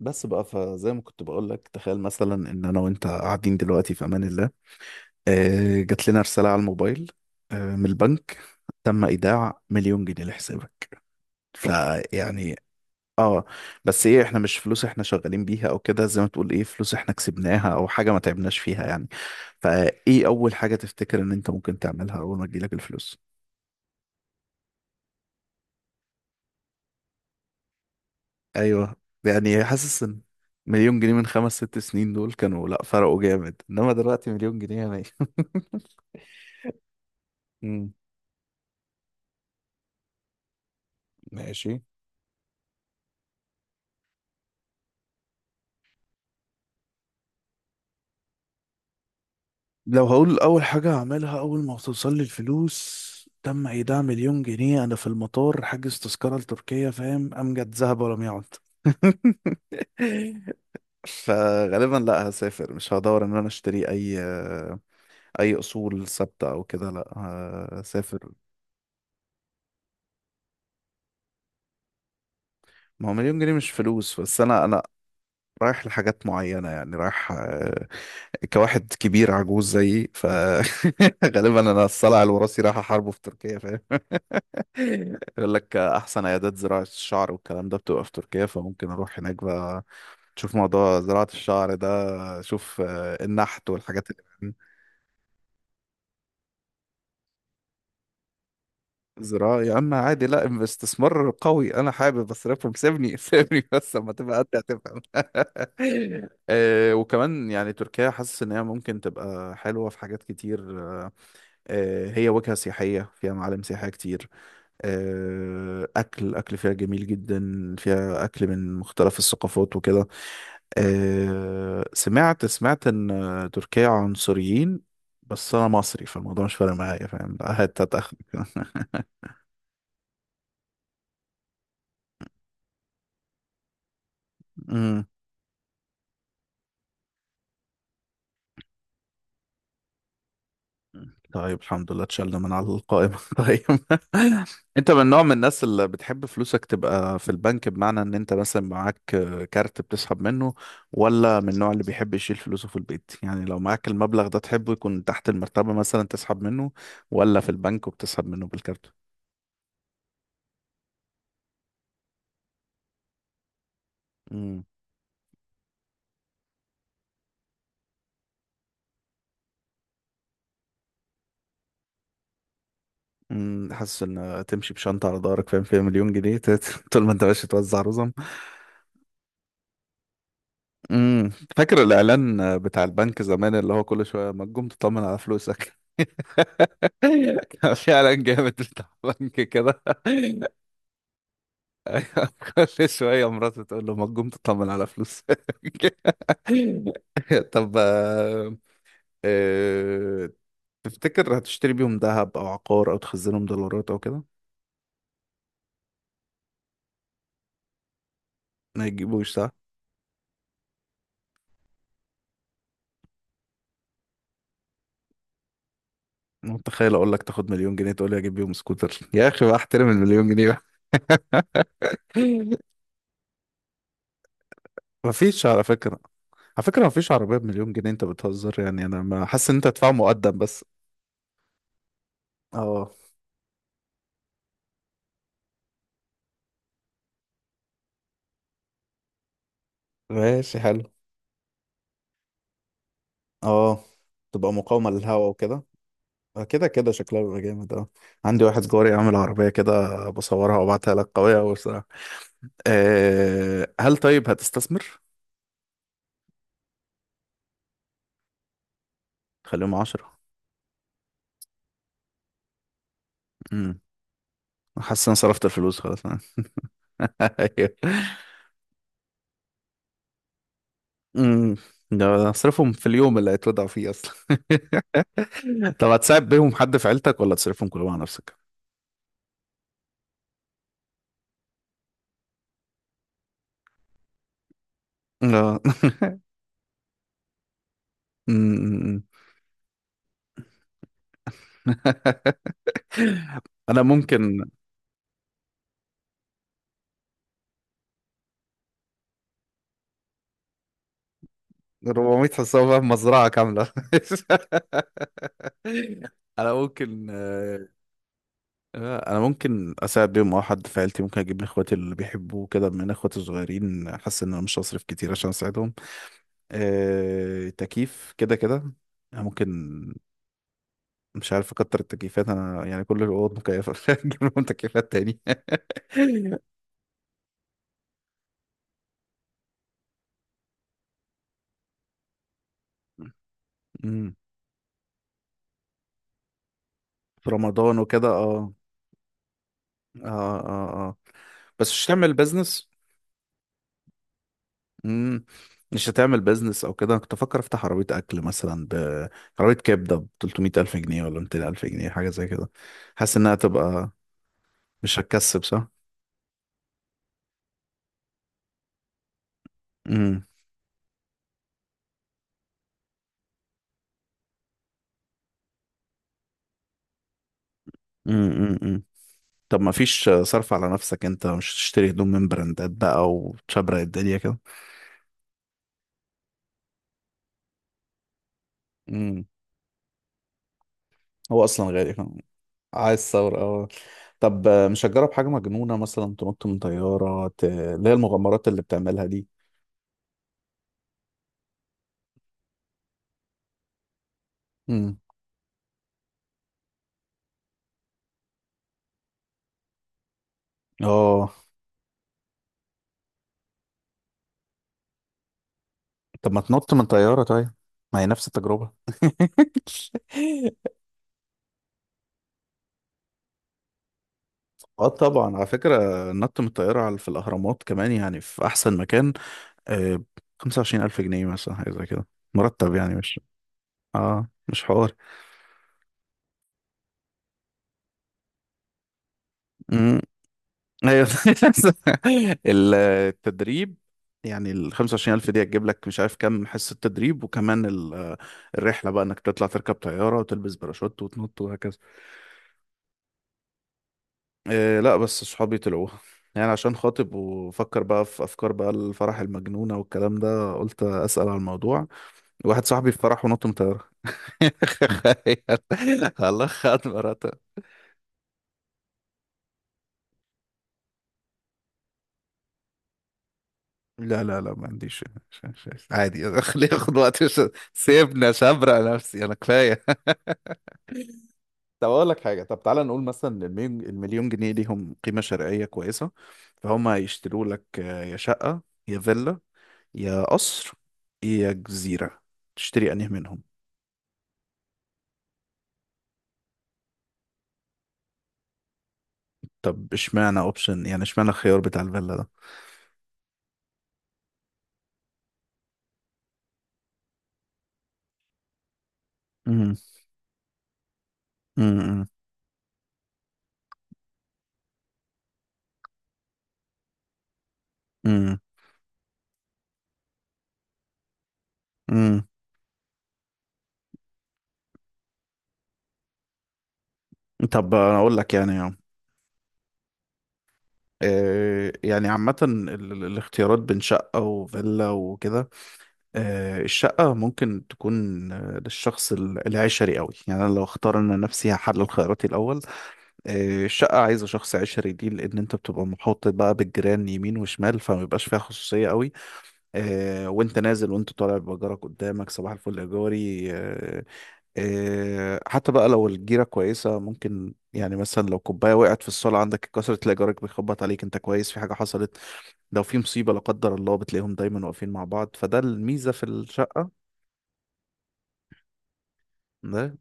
بس بقى فزي ما كنت بقول لك تخيل مثلا ان انا وانت قاعدين دلوقتي في امان الله. جات لنا رسالة على الموبايل، من البنك، تم ايداع مليون جنيه لحسابك. فيعني اه. بس ايه، احنا مش فلوس احنا شغالين بيها او كده، زي ما تقول ايه، فلوس احنا كسبناها او حاجة ما تعبناش فيها يعني. فايه اول حاجة تفتكر ان انت ممكن تعملها اول ما تجيلك الفلوس؟ ايوه، يعني حاسس ان مليون جنيه من خمس ست سنين دول كانوا لا، فرقوا جامد، انما دلوقتي مليون جنيه يعني مم. ماشي. لو هقول اول حاجة هعملها اول ما توصل لي الفلوس: تم ايداع مليون جنيه، انا في المطار حاجز تذكرة لتركيا، فاهم؟ امجد ذهب ولم يعد فغالبا لا، هسافر، مش هدور ان انا اشتري اي اصول ثابته او كده، لا، هسافر. ما هو مليون جنيه مش فلوس، بس انا رايح لحاجات معينه، يعني رايح، كواحد كبير عجوز زيي، فغالبا انا الصلع الوراثي رايح احاربه في تركيا. يقول لك احسن عيادات زراعة الشعر والكلام ده بتبقى في تركيا، فممكن اروح هناك بقى تشوف موضوع زراعة الشعر ده. شوف النحت والحاجات اللي من زراعة، يا عم عادي، لا استثمار قوي، انا حابب اصرفهم سيبني سيبني بس اما تبقى قد هتفهم. وكمان يعني تركيا حاسس ان هي ممكن تبقى حلوة في حاجات كتير. هي وجهة سياحية فيها معالم سياحية كتير. اكل فيها جميل جدا، فيها اكل من مختلف الثقافات وكده. سمعت ان تركيا عنصريين، بس انا مصري فالموضوع مش فارق معايا، فاهم؟ لا، هات اخر أمم. طيب الحمد لله اتشلنا من على القائمة طيب، انت من نوع من الناس اللي بتحب فلوسك تبقى في البنك، بمعنى ان انت مثلا معاك كارت بتسحب منه، ولا من النوع اللي بيحب يشيل فلوسه في البيت؟ يعني لو معاك المبلغ ده تحبه يكون تحت المرتبة مثلا تسحب منه، ولا في البنك وبتسحب منه بالكارت؟ مم، حاسس ان تمشي بشنطه على ظهرك، فاهم، فيها مليون جنيه طول ما انت ماشي توزع رزم. مم. فاكر الاعلان بتاع البنك زمان اللي هو كل شويه ما تقوم تطمن على فلوسك؟ كان في اعلان جامد بتاع بنك كده كل شويه مراته تقول له ما تقوم تطمن على فلوسك طب آه، تفتكر هتشتري بيهم ذهب او عقار او تخزنهم دولارات او كده؟ ما يجيبوش. متخيل اقول لك تاخد مليون جنيه تقول لي اجيب بيهم سكوتر؟ يا اخي بقى احترم المليون جنيه بقى مفيش على فكره، على فكره مفيش عربيه بمليون جنيه، انت بتهزر يعني، انا ما حاسس ان انت هتدفع مقدم بس. اه. ماشي، حلو. اه، تبقى مقاومه للهواء وكده. كده كده شكلها بيبقى جامد اه. عندي واحد جاري عامل عربيه كده، بصورها وابعتها لك، قويه قوي بصراحه. أه، هل طيب هتستثمر؟ خليهم عشرة. امم. حاسس ان أنا صرفت الفلوس خلاص ايوه. امم. ده اصرفهم في اليوم اللي هيتوضعوا فيه اصلا طب هتساعد بيهم حد في عيلتك ولا تصرفهم كلهم على نفسك؟ اه. أمم. انا ممكن 400 حصان في مزرعة كاملة انا ممكن انا ممكن اساعد بيهم او حد في عيلتي، ممكن اجيب لاخواتي اللي بيحبوا كده، من اخواتي الصغيرين، حاسس ان انا مش هصرف كتير عشان اساعدهم. تكييف كده كده. أنا ممكن، مش عارف اكتر، التكييفات انا يعني كل الاوض مكيفه نجيب لهم تكييفات تاني. امم. في رمضان وكده اه. اه اه اه، بس مش هتعمل بيزنس؟ امم. مش هتعمل بيزنس او كده؟ انا كنت افكر افتح عربيه اكل، مثلا ب، عربيه كبده ب 300 الف جنيه ولا 200 الف جنيه، حاجه زي كده، حاسس انها تبقى، مش هتكسب صح. امم امم امم. طب ما فيش صرف على نفسك؟ انت مش تشتري هدوم من براندات بقى وتشبرق الدنيا كده؟ امم. هو اصلا غالي. عايز ثورة اه. طب مش هتجرب حاجة مجنونة، مثلا تنط من طيارة، اللي هي المغامرات اللي بتعملها دي؟ امم. اه. طب ما تنط من طيارة طيب، ما هي نفس التجربة اه طبعا، على فكرة النط من الطيارة على، في الأهرامات كمان، يعني في أحسن مكان. آه، 25,000 جنيه مثلا، حاجة زي كده، مرتب يعني، مش اه، مش حوار. ايوه التدريب يعني ال 25,000 دي هتجيب لك مش عارف كام حصة تدريب، وكمان الرحلة بقى انك تطلع تركب طيارة وتلبس باراشوت وتنط وهكذا. إيه؟ لا، بس صحابي طلعوها، يعني عشان خاطب وفكر بقى في افكار بقى الفرح المجنونة والكلام ده، قلت اسأل على الموضوع. واحد صاحبي في فرح ونط من طيارة تخيل، الله خد مراته. لا لا لا، ما عنديش. عادي خليه ياخد وقت سيبنا شبرق نفسي انا كفايه. طب اقول لك حاجه، طب تعالى نقول مثلا المليون جنيه ليهم قيمه شرائيه كويسه، فهم هيشتروا لك يا شقه، يا فيلا، يا قصر، يا جزيره؟ تشتري انهي منهم؟ طب اشمعنى اوبشن، يعني اشمعنى الخيار بتاع الفيلا ده؟ امم. امم. امم. امم. طب انا اقول لك يعني، يعني عامة الاختيارات بين شقة وفيلا وكده، الشقة ممكن تكون للشخص العشري قوي، يعني انا لو اختار، انا نفسي هحلل خياراتي الاول. الشقة عايزة شخص عشري دي، لأن أنت بتبقى محاط بقى بالجيران يمين وشمال، فما بيبقاش فيها خصوصية قوي، وأنت نازل وأنت طالع بجارك قدامك، صباح الفل يا جاري. حتى بقى لو الجيرة كويسة ممكن يعني، مثلا لو كوباية وقعت في الصالة عندك اتكسرت تلاقي جارك بيخبط عليك، أنت كويس، في حاجة حصلت؟ لو في مصيبة لا قدر الله بتلاقيهم دايما واقفين مع بعض، فده الميزة في الشقة ده.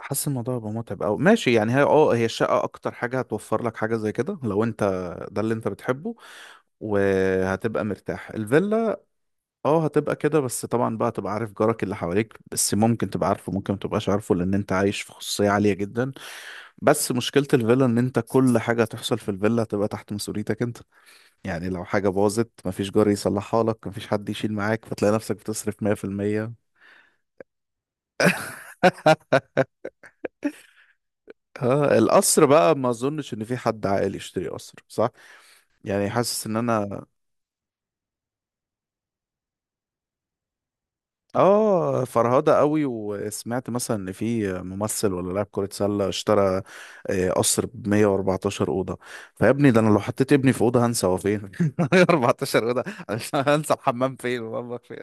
حاسس الموضوع هيبقى متعب أوي، ماشي يعني. هي اه، هي الشقة أكتر حاجة هتوفر لك حاجة زي كده، لو أنت ده اللي أنت بتحبه، وهتبقى مرتاح. الفيلا اه هتبقى كده، بس طبعا بقى تبقى عارف جارك اللي حواليك، بس ممكن تبقى عارفه ممكن ما تبقاش عارفه، لان انت عايش في خصوصية عالية جدا، بس مشكلة الفيلا ان انت كل حاجة تحصل في الفيلا هتبقى تحت مسؤوليتك انت، يعني لو حاجة باظت مفيش جار يصلحها لك، مفيش حد يشيل معاك، فتلاقي نفسك بتصرف 100%. اه، القصر بقى ما اظنش ان في حد عاقل يشتري قصر، صح؟ يعني حاسس ان انا اه، فرهضة قوي. وسمعت مثلا ان في ممثل ولا لاعب كرة سلة اشترى قصر ب 114 أوضة. فيا ابني ده انا لو حطيت ابني في أوضة هنسى هو فين 114 أوضة، عشان هنسى الحمام فين والمطبخ فين.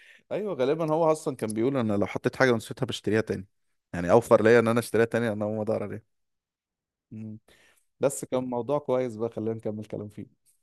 ايوه، غالبا هو اصلا كان بيقول انا لو حطيت حاجة ونسيتها بشتريها تاني، يعني اوفر ليا ان انا اشتريها تاني انا اقوم ادور عليها. مم. بس كان موضوع كويس بقى، خلينا نكمل كلام فيه.